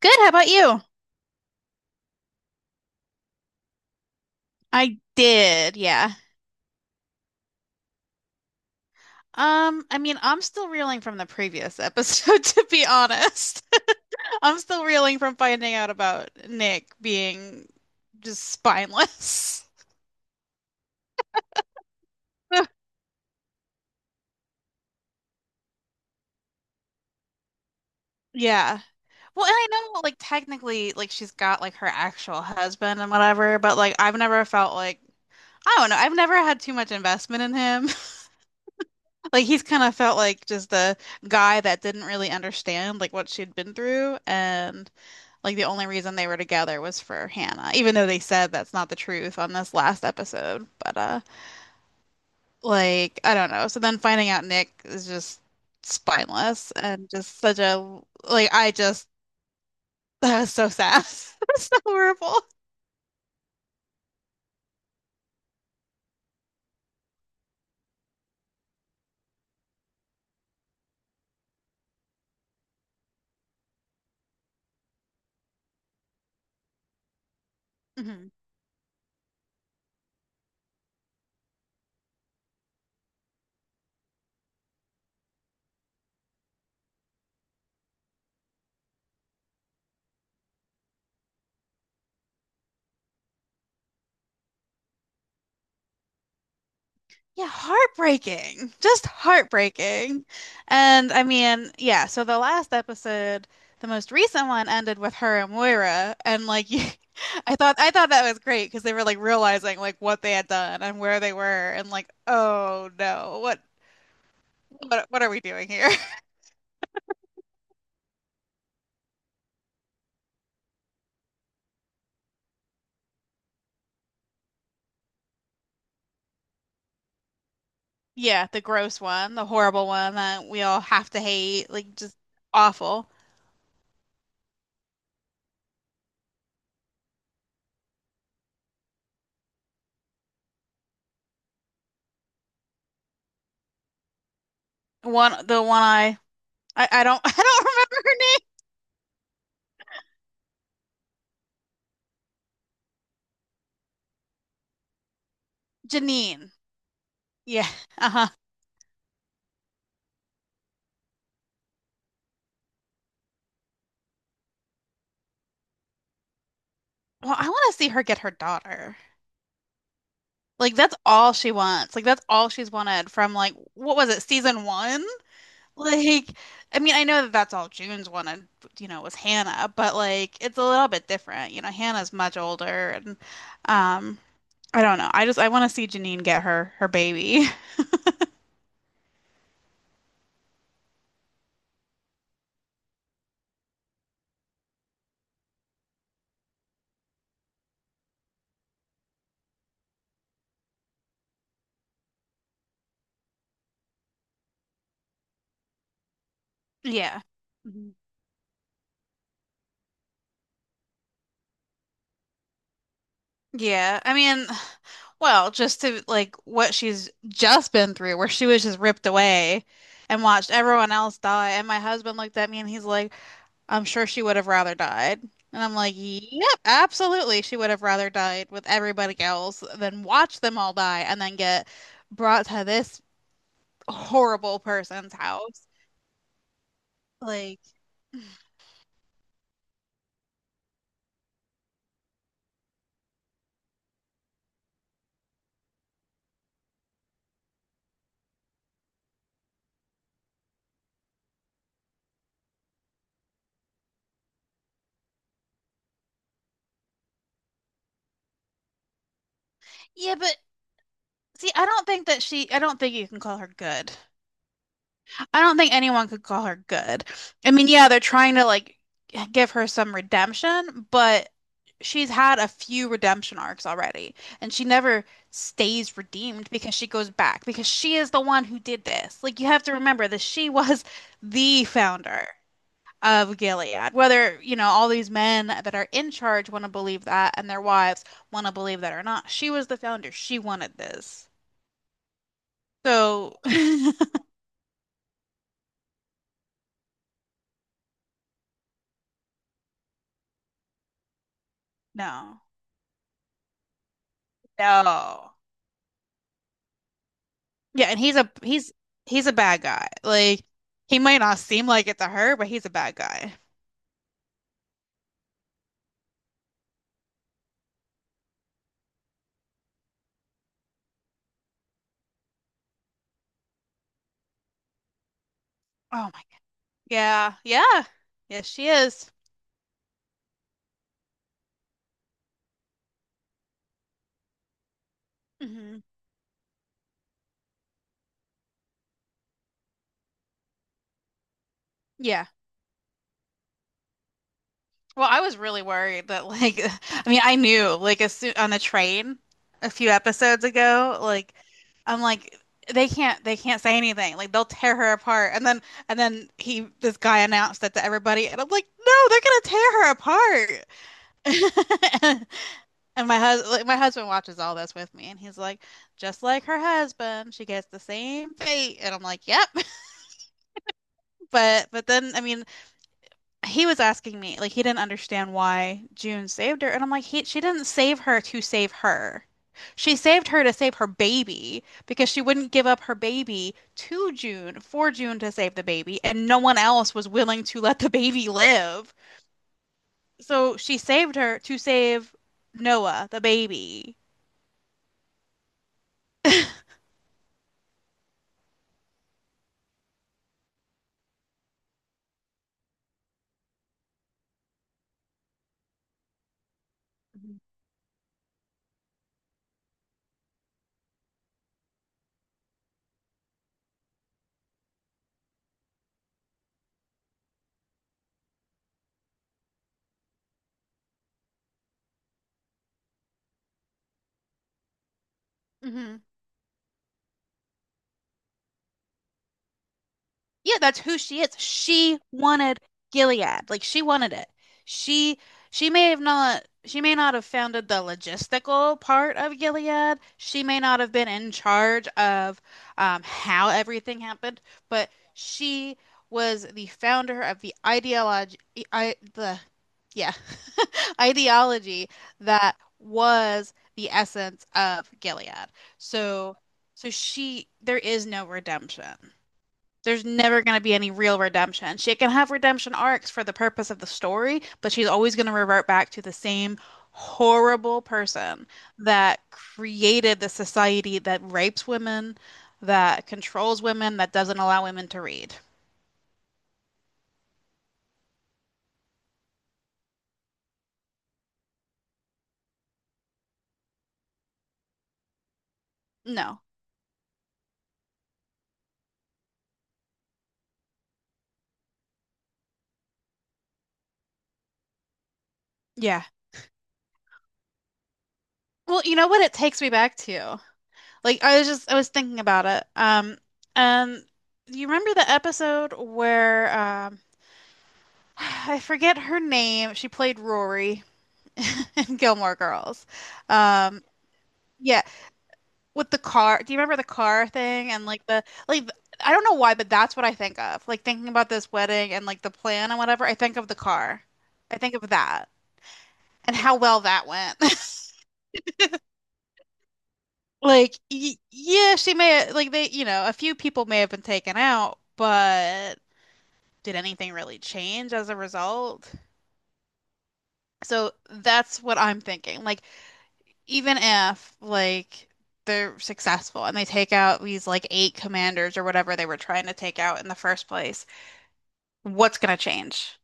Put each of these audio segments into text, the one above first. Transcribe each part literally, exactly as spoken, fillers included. Good. How about you? I did. Yeah. Um, I mean, I'm still reeling from the previous episode, to be honest. I'm still reeling from finding out about Nick being just spineless. Yeah. Well, and I know, like, technically, like, she's got, like, her actual husband and whatever, but, like, I've never felt like, I don't know, I've never had too much investment in him. Like, he's kind of felt like just the guy that didn't really understand, like, what she'd been through. And like the only reason they were together was for Hannah, even though they said that's not the truth on this last episode. But uh like I don't know. So then finding out Nick is just spineless and just such a, like, I just, that was so sad. That's so horrible. Mhm. Yeah, heartbreaking. Just heartbreaking. And I mean, yeah, so the last episode, the most recent one ended with her and Moira and like, you, I thought I thought that was great because they were like realizing like what they had done and where they were and like, oh no, what what what are we doing here? Yeah, the gross one, the horrible one that we all have to hate, like just awful. One the one I I, I don't, I don't remember her name. Janine. Yeah. Uh-huh. Well, I want to see her get her daughter. Like that's all she wants. Like that's all she's wanted from, like, what was it, season one? Like, I mean, I know that that's all June's wanted, you know, was Hannah, but like it's a little bit different. You know, Hannah's much older, and um, I don't know. I just I want to see Janine get her her baby. Yeah. Mhm. Yeah, I mean, well, just to like what she's just been through, where she was just ripped away and watched everyone else die. And my husband looked at me and he's like, "I'm sure she would have rather died." And I'm like, yep, absolutely. She would have rather died with everybody else than watch them all die and then get brought to this horrible person's house. Like, yeah, but see, I don't think that she, I don't think you can call her good. I don't think anyone could call her good. I mean, yeah, they're trying to like give her some redemption, but she's had a few redemption arcs already, and she never stays redeemed because she goes back because she is the one who did this. Like you have to remember that she was the founder of Gilead. Whether, you know, all these men that are in charge want to believe that and their wives want to believe that or not, she was the founder. She wanted this. So, no. No. Yeah, and he's a he's he's a bad guy. Like he might not seem like it to her, but he's a bad guy. Oh my God. Yeah, yeah. Yes, she is. Hmm. Yeah. Well, I was really worried that, like, I mean, I knew like as soon on the train a few episodes ago, like I'm like they can't they can't say anything. Like they'll tear her apart. And then and then he this guy announced that to everybody and I'm like, "No, they're gonna tear her apart." And my husband, like, my husband watches all this with me, and he's like, just like her husband, she gets the same fate. And I'm like, yep. But but then I mean, he was asking me like he didn't understand why June saved her, and I'm like, he she didn't save her to save her. She saved her to save her baby because she wouldn't give up her baby to June for June to save the baby, and no one else was willing to let the baby live. So she saved her to save Noah, the baby. Mhm. Mhm. Yeah, that's who she is. She wanted Gilead. Like she wanted it. She she may have not she may not have founded the logistical part of Gilead. She may not have been in charge of um, how everything happened, but she was the founder of the ideology, I the yeah, ideology that was the essence of Gilead. So so she there is no redemption. There's never going to be any real redemption. She can have redemption arcs for the purpose of the story, but she's always going to revert back to the same horrible person that created the society that rapes women, that controls women, that doesn't allow women to read. No. Yeah. Well, you know what it takes me back to? Like I was just I was thinking about it. Um and you remember the episode where um I forget her name. She played Rory and Gilmore Girls. Um, yeah, with the car. Do you remember the car thing and like the, like, I don't know why, but that's what I think of. Like thinking about this wedding and like the plan and whatever, I think of the car. I think of that and how well that went. Like y yeah, she may like they, you know, a few people may have been taken out, but did anything really change as a result? So that's what I'm thinking. Like even if like they're successful and they take out these like eight commanders or whatever they were trying to take out in the first place, what's gonna change?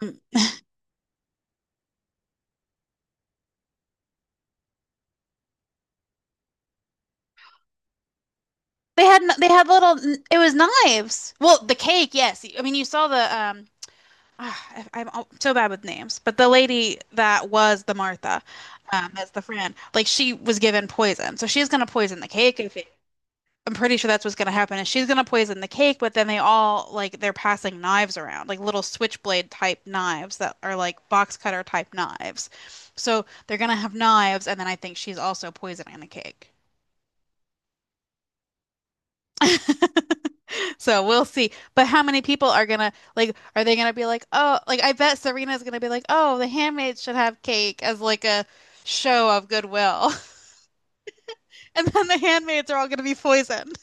They had they had little it was knives. Well, the cake, yes. I mean, you saw the, um ah, I- am so bad with names, but the lady that was the Martha, um, that's the friend, like she was given poison, so she's gonna poison the cake, if it I'm pretty sure that's what's gonna happen. And she's gonna poison the cake, but then they all, like, they're passing knives around, like little switchblade type knives that are like box cutter type knives. So they're gonna have knives, and then I think she's also poisoning the cake. So we'll see. But how many people are gonna, like? Are they gonna be like, oh, like I bet Serena's gonna be like, oh, the handmaids should have cake as like a show of goodwill, and then the handmaids are all gonna be poisoned.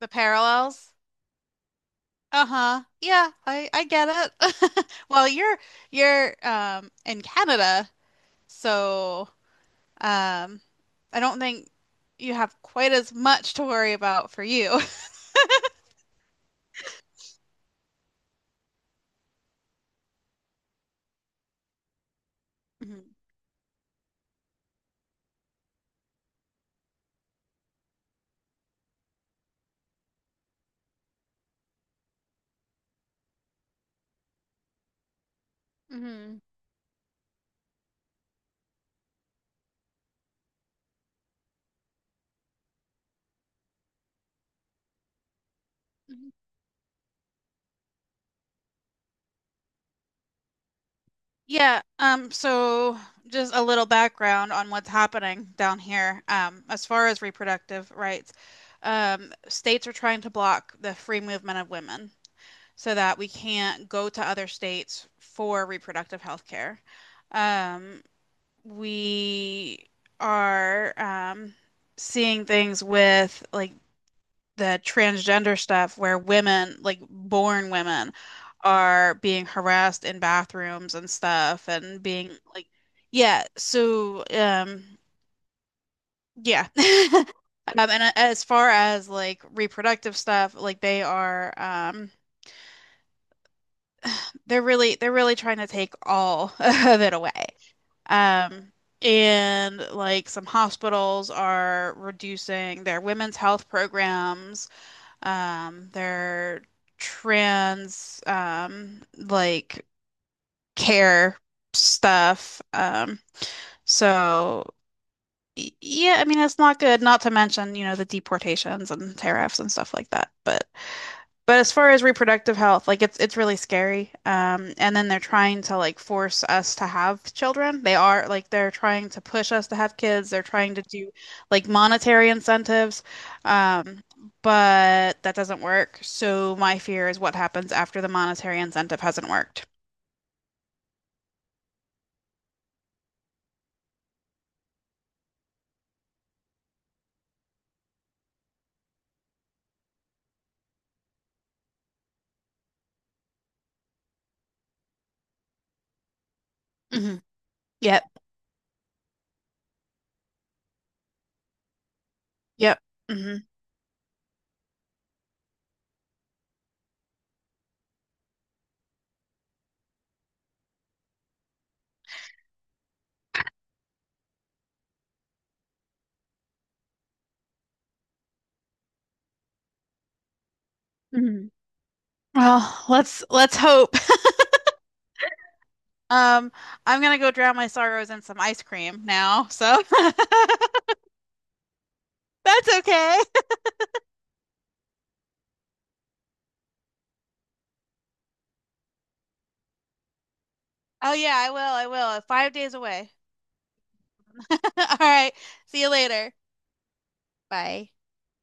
The parallels. Uh-huh. Yeah, I I get it. Well, you're you're um in Canada, so um I don't think you have quite as much to worry about for you. Mm-hmm. Hmm. Yeah, um, so just a little background on what's happening down here, um, as far as reproductive rights. Um, states are trying to block the free movement of women so that we can't go to other states for reproductive health care. Um, we are um, seeing things with like the transgender stuff where women, like born women, are being harassed in bathrooms and stuff and being like, yeah, so um, yeah. Um, and uh, as far as like reproductive stuff, like they are um, They're really they're really trying to take all of it away. Um, and like some hospitals are reducing their women's health programs, um, their trans, um, like, care stuff. Um, so y- yeah, I mean it's not good, not to mention, you know, the deportations and tariffs and stuff like that. But but as far as reproductive health, like it's it's really scary. Um, and then they're trying to like force us to have children. They are, like, they're trying to push us to have kids. They're trying to do like monetary incentives. Um, but that doesn't work. So my fear is what happens after the monetary incentive hasn't worked. Hmm. Yep. Yep. Hmm. Hmm. Well, let's let's hope. Um, I'm gonna go drown my sorrows in some ice cream now, so that's okay. Oh yeah, I will. I will. uh, Five days away. All right. See you later. Bye.